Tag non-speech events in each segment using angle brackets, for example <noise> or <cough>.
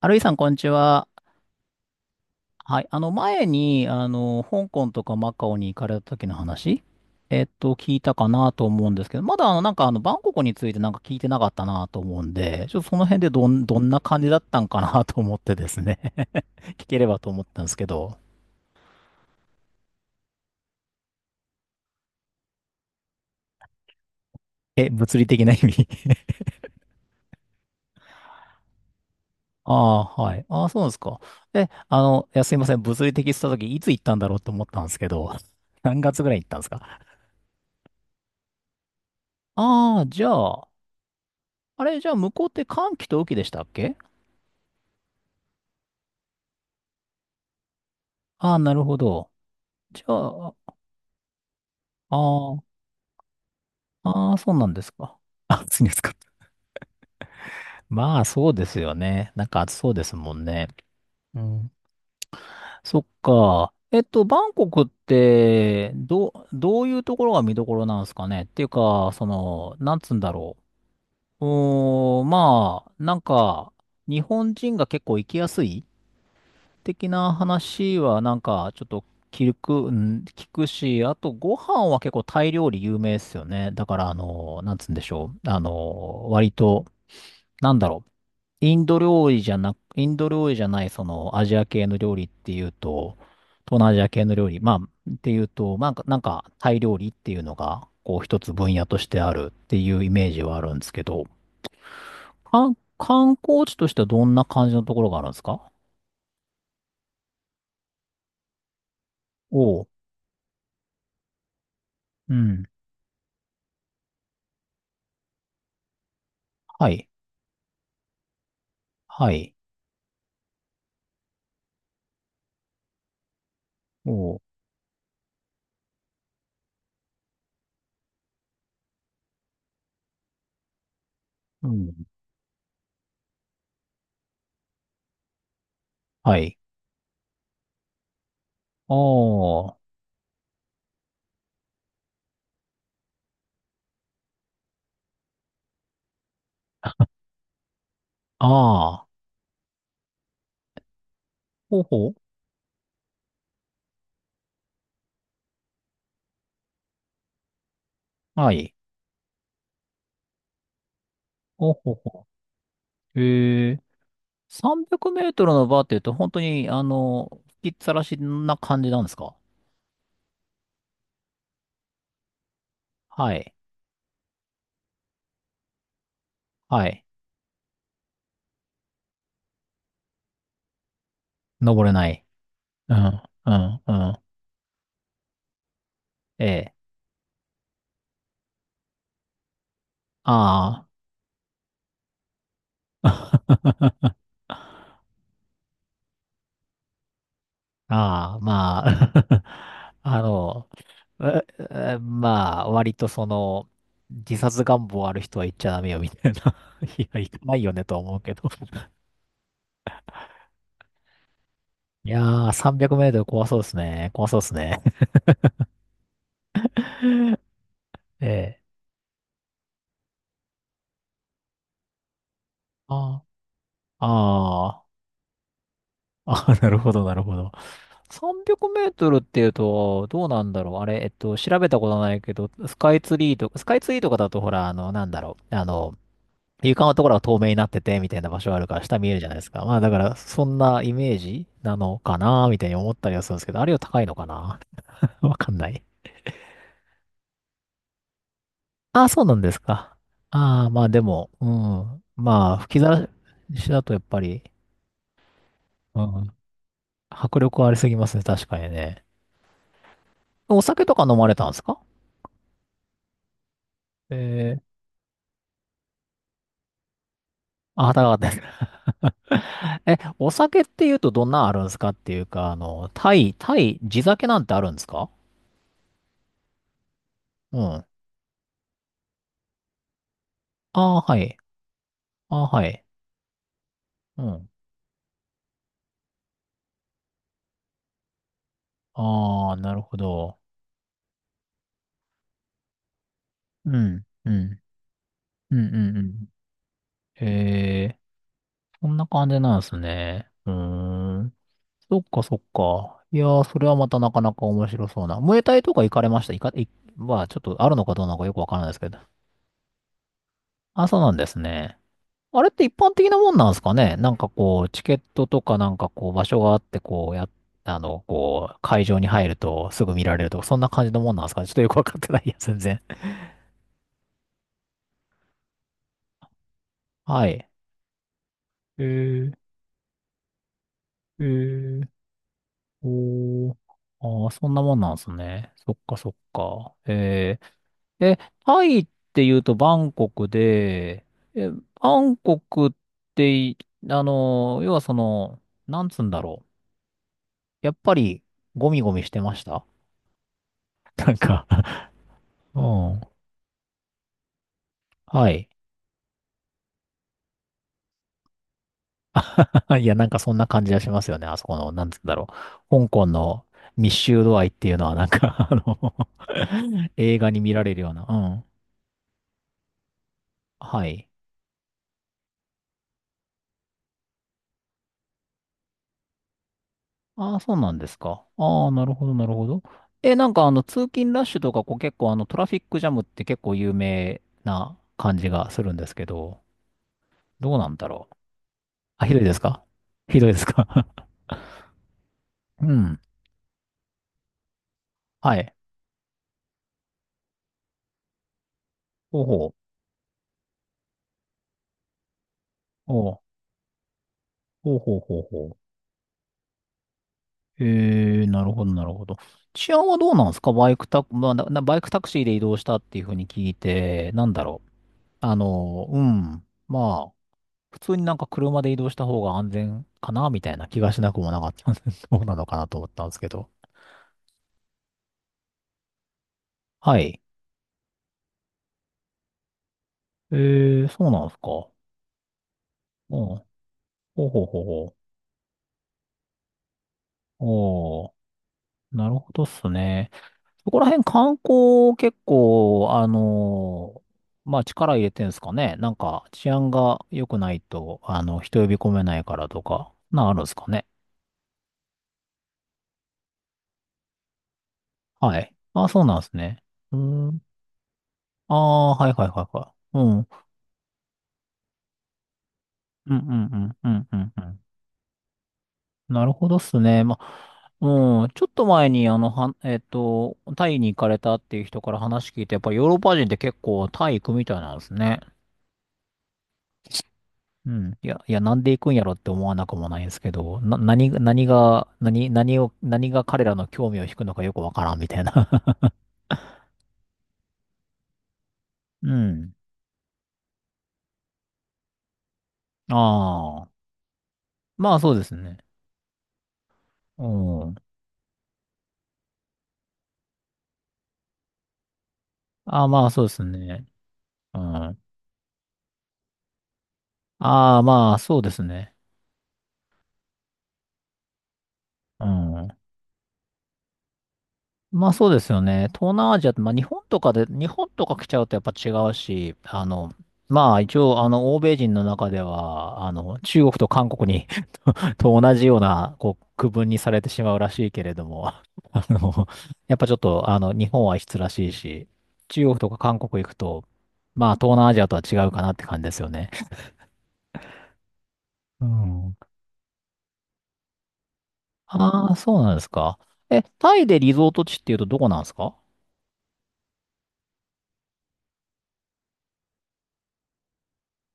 ハルイさん、こんにちは。はい。前に、香港とかマカオに行かれた時の話、聞いたかなと思うんですけど、まだ、なんか、バンコクについてなんか聞いてなかったなと思うんで、ちょっとその辺でどんな感じだったんかなと思ってですね <laughs> 聞ければと思ったんですけど。え、物理的な意味 <laughs> ああ、はい。ああ、そうなんですか。え、いや、すいません。物理的って言った時、いつ行ったんだろうと思ったんですけど、<laughs> 何月ぐらい行ったんですか？ああ、じゃあ、あれ、じゃあ、向こうって寒気と雨季でしたっけ？ああ、なるほど。じゃあ、ああ、ああ、そうなんですか。<laughs> あ、暑いんですか。<laughs> まあ、そうですよね。なんか暑そうですもんね。うん。そっか。バンコクって、どういうところが見どころなんですかね。っていうか、その、なんつうんだろう。うーん、まあ、なんか、日本人が結構行きやすい的な話はなんかちょっと聞く、うん、聞くし、あとご飯は結構タイ料理有名ですよね。だからなんつうんでしょう。割と、なんだろう。インド料理じゃないそのアジア系の料理っていうと、東南アジア系の料理、まあ、っていうと、まあ、なんかタイ料理っていうのが、こう一つ分野としてあるっていうイメージはあるんですけど、観光地としてはどんな感じのところがあるんですか？おう。うん。はい。はい。おう、うん。はい。おー、ああ、ほうほう。はい。ほうほうほう。300メートルのバーって言うと、本当に、吹きっさらしな感じなんですか？はい。はい。登れない。うん、うん、うん。ええ。ああ。<laughs> ああ、まあ。<laughs> あの、ええまあ、割とその、自殺願望ある人は行っちゃダメよ、みたいな。<laughs> いや、行かないよね、とは思うけど。いやー、300メートル怖そうですね。怖そうですね。<laughs> ええ。ああ、ああ、<laughs> なるほど、なるほど。300メートルっていうと、どうなんだろう。あれ、調べたことないけど、スカイツリーとかだと、ほら、なんだろう。床のところが透明になってて、みたいな場所があるから、下見えるじゃないですか。まあ、だから、そんなイメージなのかな、みたいに思ったりはするんですけど、あれは高いのかな <laughs> わかんない。ああ、そうなんですか。ああ、まあでも、うん。まあ、吹き出しだとやっぱり、うん。迫力ありすぎますね、確かにね。お酒とか飲まれたんですか？えー、あ、高かったです。<laughs> え、お酒って言うとどんなあるんですかっていうか、タイ、地酒なんてあるんですか？うん。ああ、はい。ああ、はい。うん。ああ、なるほど。うん、うん、うん、うん、うん。えー、そんな感じなんですね。うーん。そっかそっか。いやー、それはまたなかなか面白そうな。ムエタイとか行かれました行か、い、まあ、ちょっとあるのかどうなのかよくわからないですけど。あ、そうなんですね。あれって一般的なもんなんですかね？なんかこう、チケットとかなんかこう、場所があって、こう、や、あの、こう、会場に入るとすぐ見られるとか、そんな感じのもんなんですかね <laughs> ちょっとよくわかってないや、全然。はい。えー、えー、おー。ああ、そんなもんなんですね。そっかそっか。ええ、タイって言うとバンコクで、え、バンコクってい、要はその、なんつうんだろう。やっぱり、ゴミゴミしてました <laughs> なんか、うん。はい。<laughs> いや、なんかそんな感じがしますよね。あそこの、なんつうんだろう。香港の密集度合いっていうのは、なんか、<laughs> 映画に見られるような。うん。はい。ああ、そうなんですか。ああ、なるほど、なるほど。え、なんか通勤ラッシュとか、こう結構トラフィックジャムって結構有名な感じがするんですけど、どうなんだろう。あ、ひどいですか <laughs> ひどいですか <laughs> うん。はい。ほうほう。おうほうほうほうほう。なるほど、なるほど。治安はどうなんですか？バイクタク、まあ、バイクタクシーで移動したっていうふうに聞いて、なんだろう。うん。まあ。普通になんか車で移動した方が安全かなみたいな気がしなくもなかったんで、<laughs> そうなのかなと思ったんですけど。はい。えー、そうなんですか。うん。ほうほうほうほう。おー、なるほどっすね。そこら辺観光結構、まあ力入れてんすかね。なんか治安が良くないと、人呼び込めないからとか、なんあるんですかね。はい。あ、そうなんですね。うーん。ああ、はいはいはいはい。うん。うんうんうんうんうんうん。なるほどっすね。まあ、うん、ちょっと前に、あの、は、えっと、タイに行かれたっていう人から話聞いて、やっぱりヨーロッパ人って結構タイ行くみたいなんですね。うん。いや、いや、なんで行くんやろって思わなくもないんですけど、な、何が、何が、何、何を、何が彼らの興味を引くのかよくわからんみたいな。<laughs> うん。ああ。まあそうですね。うん。ああ、まあそうですね。うん。ああ、まあそうですね。うん。まあそうですよね。東南アジアって、まあ日本とか来ちゃうとやっぱ違うし、まあ一応、欧米人の中では、中国と韓国に <laughs> と同じような、こう、区分にされてしまうらしいけれども、<laughs> の、やっぱちょっと、日本は異質らしいし、中国とか韓国行くと、まあ東南アジアとは違うかなって感じですよね。うん。ああ、そうなんですか。え、タイでリゾート地っていうとどこなんですか？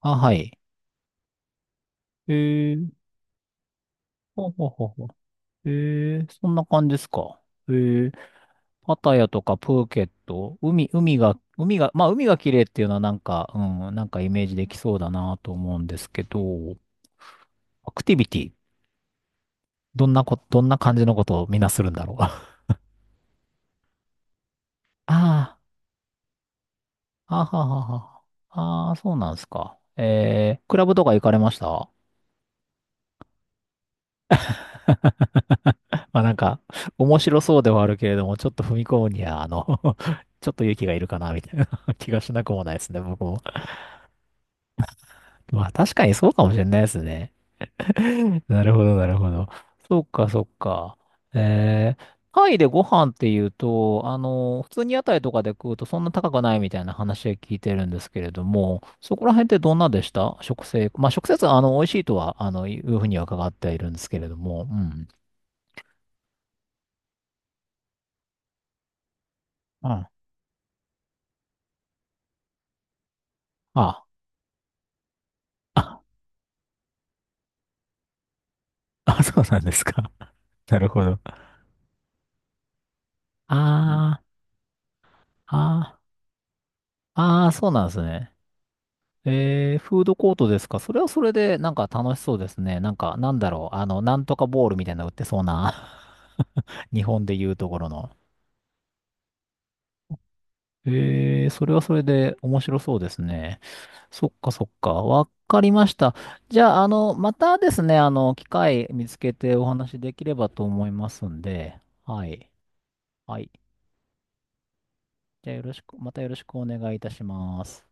あ、はい。へえ。ほうほうほうほう。ええ、そんな感じですか。ええ、パタヤとかプーケット、海、海が、海が、まあ海が綺麗っていうのはなんか、うん、なんかイメージできそうだなと思うんですけど、アクティビティ、どんな感じのことをみんなするんだろう。<laughs> ああ、あははは。ああ、そうなんですか。ええ、クラブとか行かれました <laughs> まあなんか、面白そうではあるけれども、ちょっと踏み込むには、<laughs> ちょっと勇気がいるかな、みたいな <laughs> 気がしなくもないですね、僕も。まあ確かにそうかもしれないですね。<laughs> なるほど、なるほど。そっか、そっか。えー、タイでご飯っていうと、普通に屋台とかで食うとそんな高くないみたいな話は聞いてるんですけれども、そこら辺ってどんなでした。まあ食生活は美味しいとは、いうふうには伺っているんですけれども、うん。あ、あ、あ、あ、そうなんですか。<laughs> なるほど。ああ、ああ、ああ、そうなんですね。えー、フードコートですか。それはそれで、なんか楽しそうですね。なんか、なんだろう。なんとかボールみたいなの売ってそうな。<laughs> 日本で言うところの。えー、それはそれで面白そうですね。そっかそっか。わかりました。じゃあ、またですね、機会見つけてお話できればと思いますんで。はい。はい。じゃあ、よろしく、またよろしくお願いいたします。